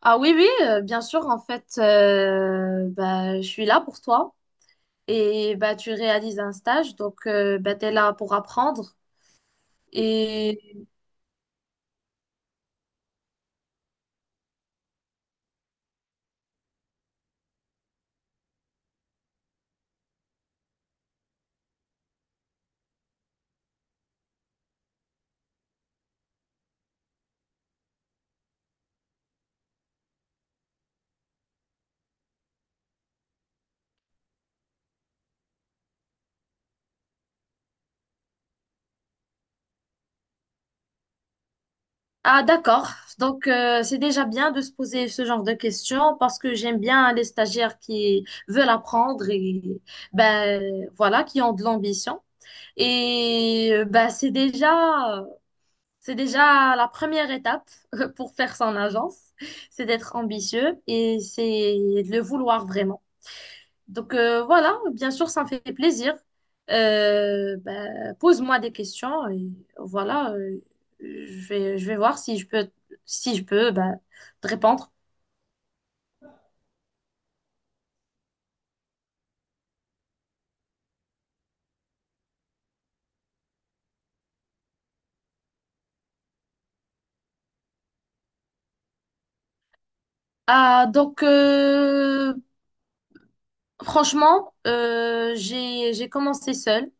Ah oui, oui, bien sûr, en fait, je suis là pour toi et tu réalises un stage, donc tu es là pour apprendre. Et... Ah d'accord, donc c'est déjà bien de se poser ce genre de questions parce que j'aime bien les stagiaires qui veulent apprendre et voilà, qui ont de l'ambition. Et c'est déjà la première étape pour faire son agence, c'est d'être ambitieux et c'est de le vouloir vraiment. Donc voilà, bien sûr, ça me fait plaisir. Pose-moi des questions et voilà, je vais voir si je peux, si je peux te répondre. Ah, donc franchement, j'ai commencé seule,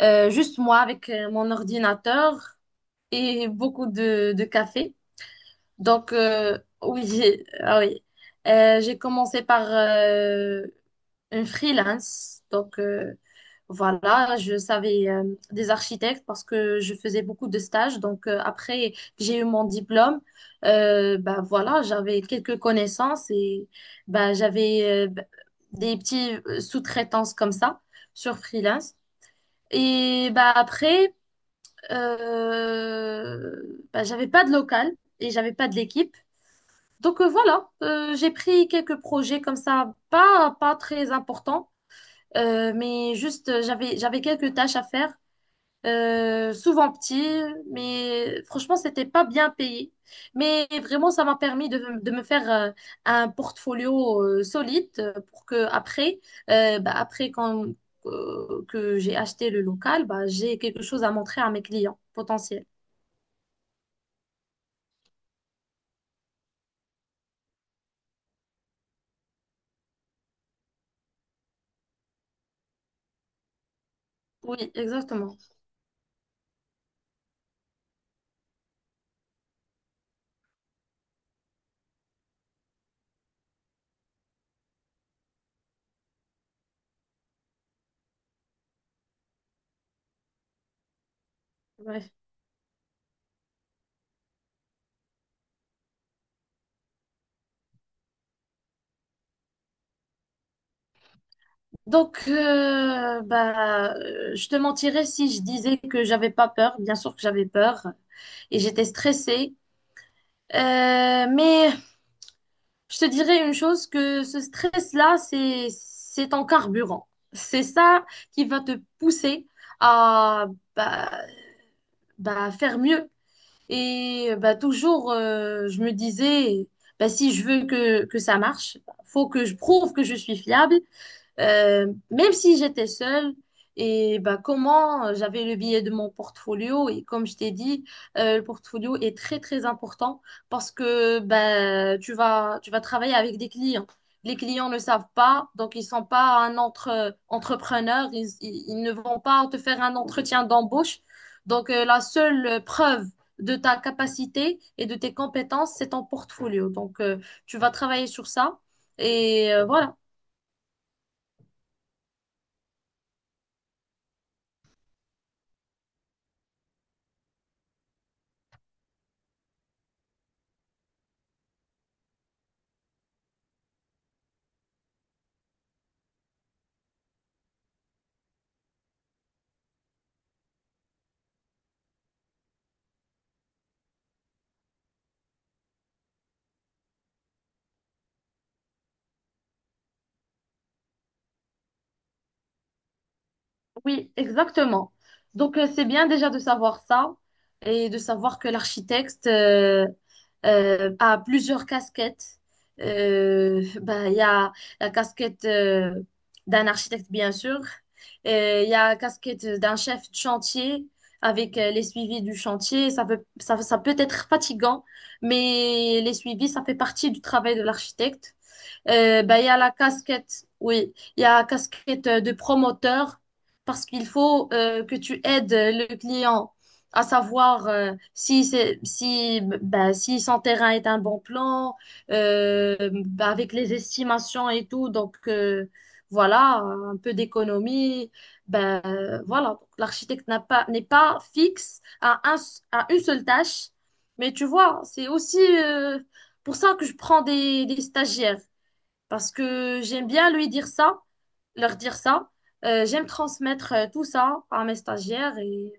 juste moi avec mon ordinateur et beaucoup de café. Donc oui, ah oui, j'ai commencé par un freelance. Donc, voilà, je savais des architectes parce que je faisais beaucoup de stages. Donc, après que j'ai eu mon diplôme, voilà, j'avais quelques connaissances et j'avais des petites sous-traitances comme ça sur freelance. Et après, j'avais pas de local et j'avais pas de l'équipe. Donc voilà, j'ai pris quelques projets comme ça, pas très importants, mais juste, j'avais quelques tâches à faire, souvent petites, mais franchement, c'était pas bien payé. Mais vraiment, ça m'a permis de me faire un portfolio solide pour que après, euh, bah, après quand, que j'ai acheté le local, j'ai quelque chose à montrer à mes clients potentiels. Oui, exactement. Ouais. Donc, je te mentirais si je disais que j'avais pas peur. Bien sûr que j'avais peur et j'étais stressée. Mais je te dirais une chose, que ce stress-là, c'est ton carburant. C'est ça qui va te pousser à bah, faire mieux. Et toujours, je me disais, bah, si je veux que ça marche, faut que je prouve que je suis fiable, même si j'étais seule, et bah, comment j'avais le billet de mon portfolio, et comme je t'ai dit, le portfolio est très très important parce que tu vas travailler avec des clients. Les clients ne savent pas, donc ils sont pas un entrepreneur, ils ne vont pas te faire un entretien d'embauche. Donc la seule preuve de ta capacité et de tes compétences, c'est ton portfolio. Donc tu vas travailler sur ça et voilà. Oui, exactement. Donc, c'est bien déjà de savoir ça et de savoir que l'architecte a plusieurs casquettes. Il y a la casquette d'un architecte, bien sûr. Et il y a la casquette d'un chef de chantier avec les suivis du chantier. Ça peut être fatigant, mais les suivis, ça fait partie du travail de l'architecte. Il y a la casquette, oui. Il y a la casquette de promoteur parce qu'il faut que tu aides le client à savoir si c'est si ben, si son terrain est un bon plan euh, ben, avec les estimations et tout. Donc voilà, un peu d'économie. Voilà, donc, l'architecte n'a pas n'est pas fixe à un à une seule tâche, mais tu vois, c'est aussi pour ça que je prends des stagiaires parce que j'aime bien leur dire ça. J'aime transmettre tout ça à mes stagiaires et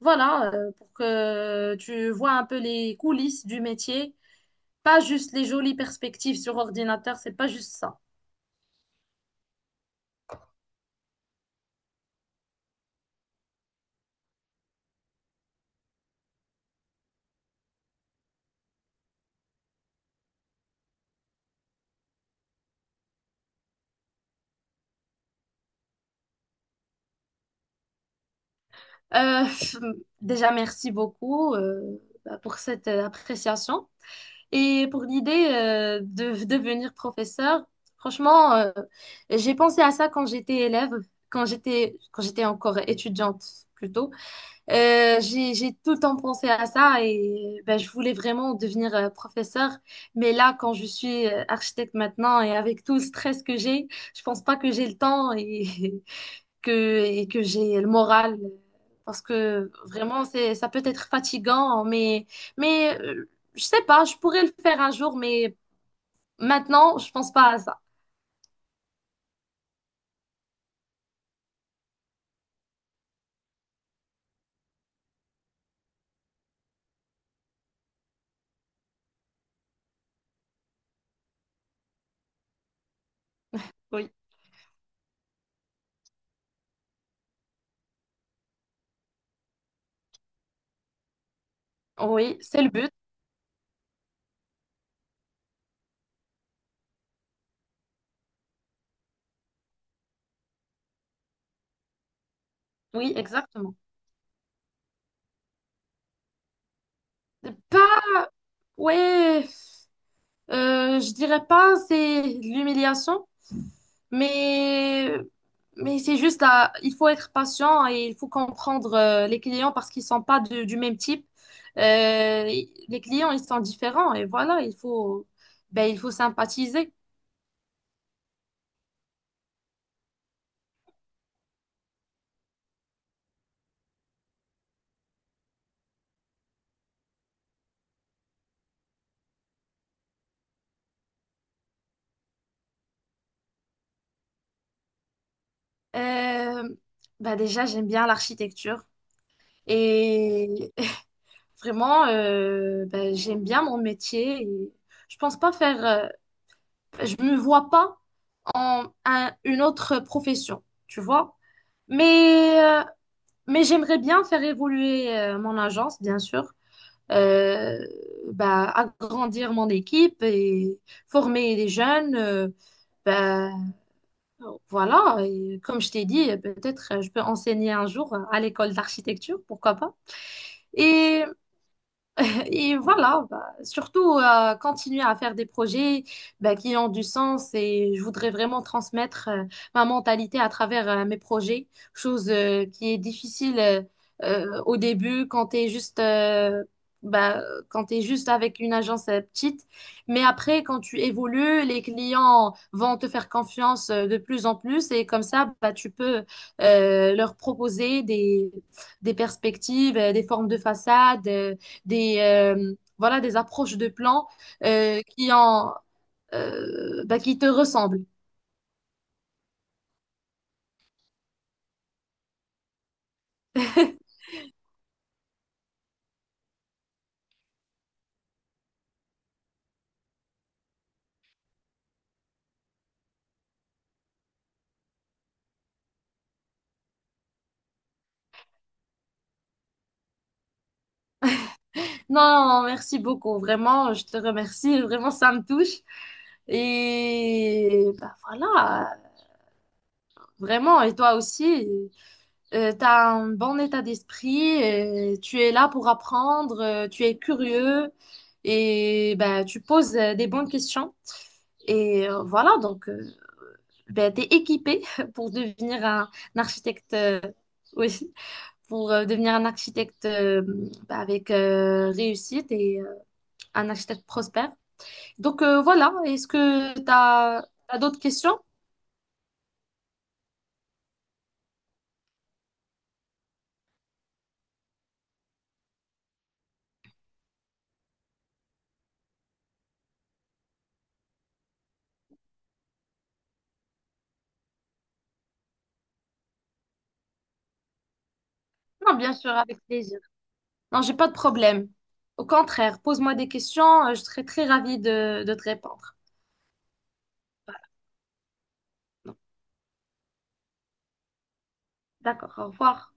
voilà, pour que tu vois un peu les coulisses du métier, pas juste les jolies perspectives sur ordinateur, c'est pas juste ça. Euh, déjà, merci beaucoup pour cette appréciation et pour l'idée de devenir professeur. Franchement, j'ai pensé à ça quand j'étais élève, quand j'étais encore étudiante plutôt. J'ai tout le temps pensé à ça et ben, je voulais vraiment devenir professeur. Mais là, quand je suis architecte maintenant et avec tout le stress que j'ai, je pense pas que j'ai le temps et et que j'ai le moral. Parce que vraiment, ça peut être fatigant, mais je sais pas, je pourrais le faire un jour, mais maintenant, je pense pas à ça. Oui, oui, c'est le but. Oui, exactement. Pas, ouais. Je dirais pas c'est l'humiliation, mais, mais c'est juste il faut être patient et il faut comprendre les clients parce qu'ils sont pas du même type. Euh, les clients, ils sont différents et voilà, il faut, ben, il faut sympathiser. Euh, déjà, j'aime bien l'architecture et vraiment, j'aime bien mon métier. Et je pense pas faire. Je me vois pas en une autre profession, tu vois. Mais, euh, mais j'aimerais bien faire évoluer mon agence, bien sûr, euh, agrandir mon équipe et former des jeunes. Bah, voilà, et comme je t'ai dit, peut-être je peux enseigner un jour à l'école d'architecture, pourquoi pas. Et et voilà, surtout continuer à faire des projets qui ont du sens et je voudrais vraiment transmettre ma mentalité à travers mes projets, chose qui est difficile au début quand tu es juste, bah, quand tu juste avec une agence petite. Mais après, quand tu évolues, les clients vont te faire confiance de plus en plus et comme ça, tu peux leur proposer des perspectives, des formes de façade. Voilà, des approches de plans qui ont, qui te ressemblent. Non, merci beaucoup. Vraiment, je te remercie. Vraiment, ça me touche. Et voilà, vraiment. Et toi aussi, tu as un bon état d'esprit. Tu es là pour apprendre. Tu es curieux. Et tu poses des bonnes questions. Et t'es équipé pour devenir un architecte, oui, pour devenir un architecte avec réussite et un architecte prospère. Donc voilà, est-ce que t'as d'autres questions? Non, bien sûr, avec plaisir. Non, j'ai pas de problème. Au contraire, pose-moi des questions, je serai très ravie de te répondre. D'accord, au revoir.